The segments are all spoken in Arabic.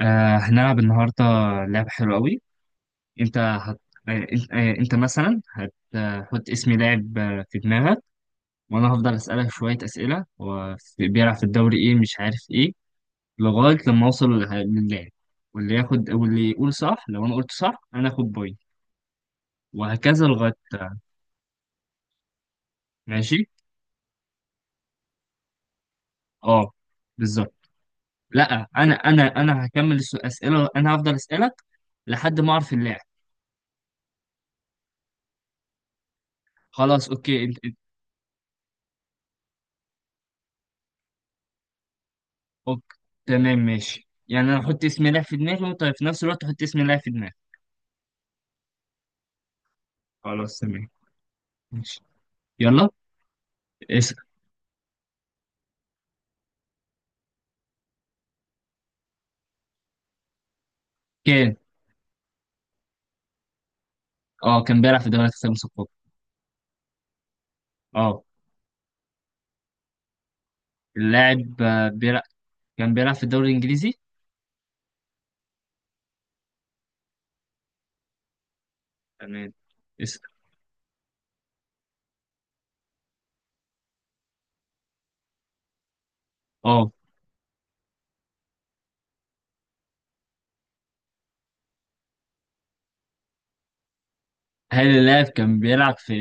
هنلعب النهاردة لعبة حلوة قوي. انت هت... آه انت, آه انت مثلا هتحط اسم لاعب في دماغك، وانا هفضل اسألك شوية اسئلة. هو بيلعب في الدوري ايه؟ مش عارف ايه، لغاية لما اوصل للاعب. واللي ياخد واللي يقول صح، لو انا قلت صح انا اخد بوينت، وهكذا لغاية. ماشي. اه. بالظبط. لا، انا هكمل اسئلة، انا هفضل اسألك لحد ما اعرف اللاعب. خلاص، اوكي أنت. اوكي، تمام ماشي. يعني انا احط اسم لاعب في دماغي وانت في نفس الوقت تحط اسم لاعب في دماغي. خلاص، تمام. ماشي. يلا. اسم. كان. اه، كان بيلعب في دوري الخمسة الكبرى. اه. اللاعب آه، بيلعب كان بيلعب في الدوري الانجليزي. تمام. اسم. اه. هل اللاعب كان بيلعب في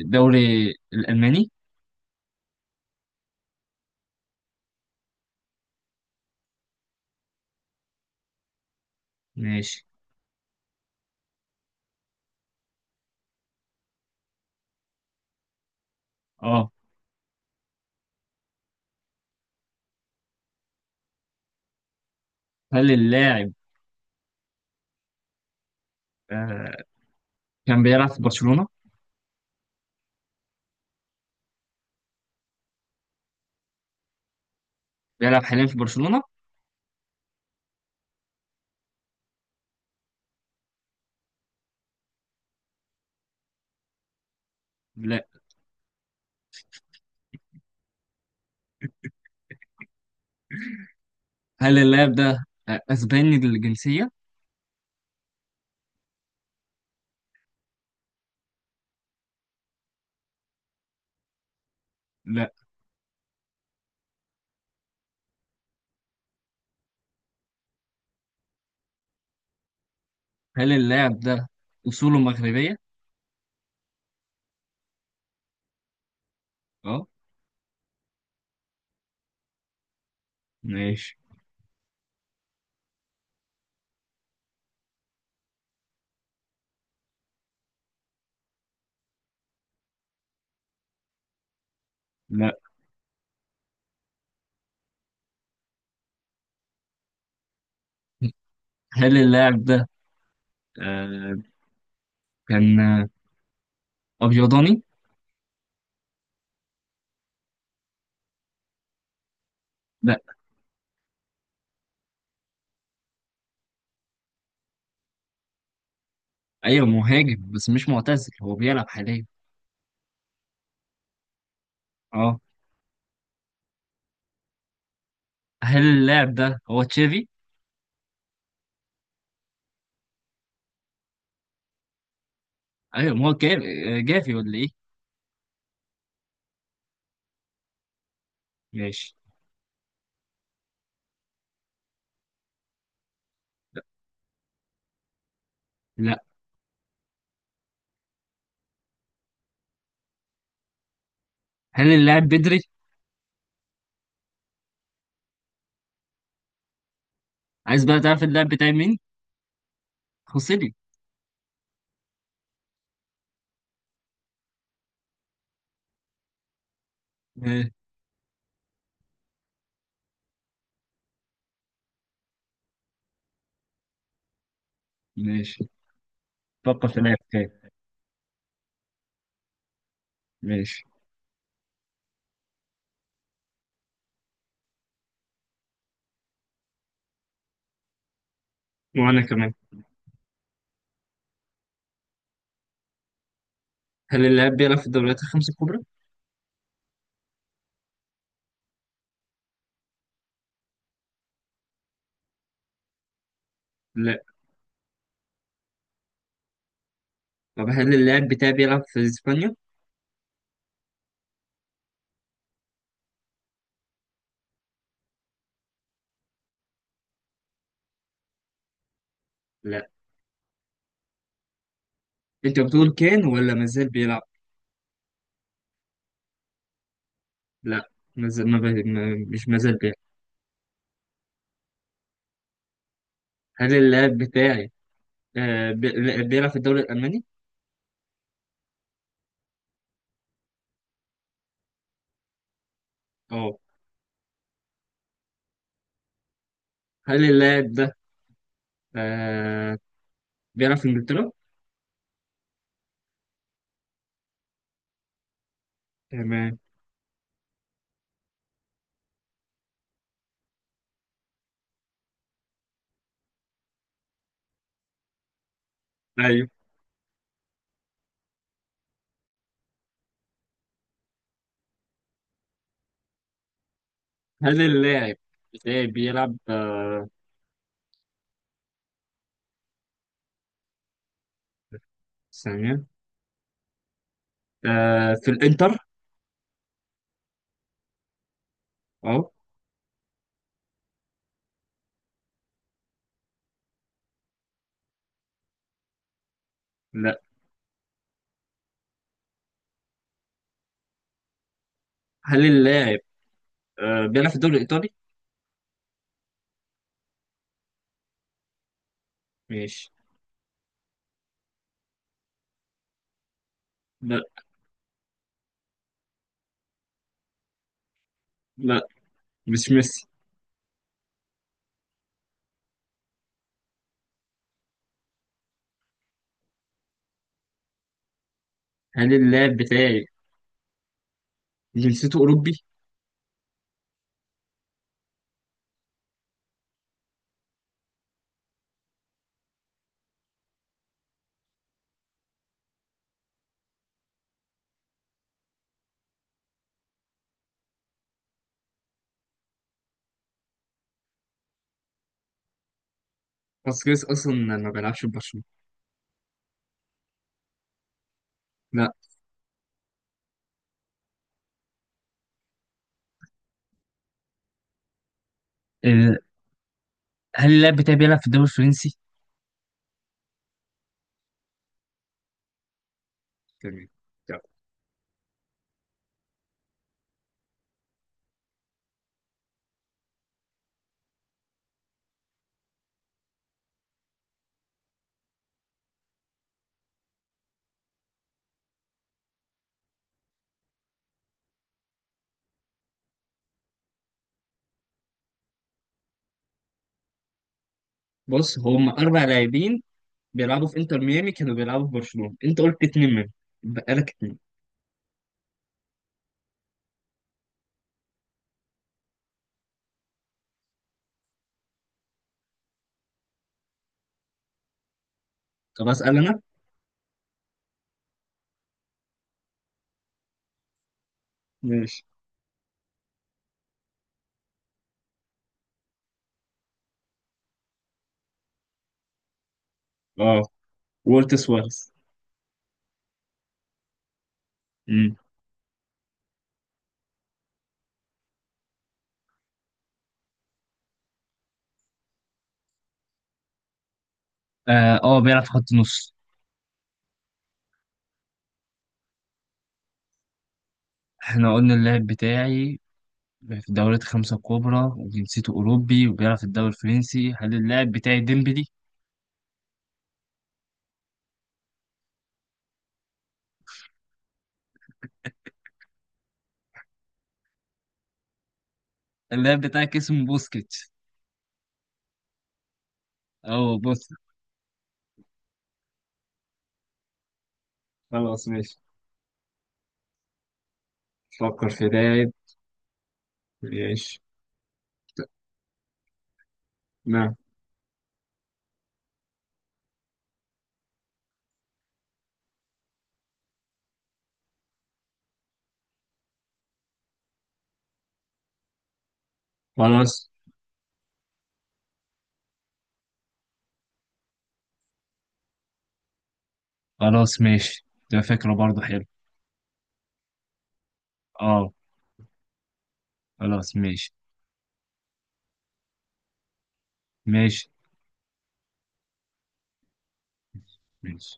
الدوري الالماني؟ ماشي. اه. هل اللاعب آه، كان بيلعب في برشلونة؟ بيلعب حاليا في برشلونة. لا. هل اللاعب ده اسباني الجنسية؟ لا. هل اللاعب ده أصوله مغربية؟ اه. ماشي. لا. هل اللاعب ده آه كان أبيضاني؟ لا. أيوه مهاجم بس مش معتزل، هو بيلعب حاليا. اه. هل اللاعب ده هو تشافي؟ أيوه، ما هو جافي ولا إيه؟ ماشي. لا. هل اللاعب بدري؟ عايز بقى تعرف اللاعب بتاعي مين؟ خوسيلي. آه، ماشي. فكر في لاعب تاني. ماشي. وأنا كمان. هل اللاعب بيلعب في الدوريات الخمس الكبرى؟ لا. طب هل اللاعب بتاعي بيلعب في إسبانيا؟ لا. انت بتقول كان ولا مازال بيلعب؟ لا، مازال ما ب... ما... مش مازال بيلعب. هل اللاعب بتاعي لا، بيلعب في الدوري الألماني؟ اه. هل اللاعب ده آه... بيلعب في إنجلترا؟ تمام. ايوه. هل اللاعب بتاعي بيلعب ثانية، في الإنتر؟ اه. لا. هل اللاعب بيلعب في الدوري الإيطالي؟ ماشي. لا. لا، مش ميسي. هل اللاعب بتاعي جنسيته أوروبي؟ باسكيز أصلا ما بيلعبش في برشلونة. لا. آه، هل اللاعب بتاعي بيلعب في الدوري الفرنسي؟ تمام. طب، بص هم اربع لاعبين بيلعبوا في انتر ميامي كانوا بيلعبوا في برشلونه، انت قلت اتنين منهم، بقى لك اتنين. طب اسال انا. ماشي. اه. وولت سوارز. امم. اه، بيلعب في خط النص. احنا قلنا اللاعب بتاعي في الدوريات الخمسة الكبرى وجنسيته أوروبي وبيلعب في الدوري الفرنسي، هل اللاعب بتاعي ديمبلي؟ اللاعب بتاعك اسمه بوسكيتش أو بوس خلاص ماشي. فكر في لاعب. ماشي. نعم. خلاص. خلاص ماشي. ده فكرة برضه حلو. اه. خلاص ماشي. ماشي. ماشي.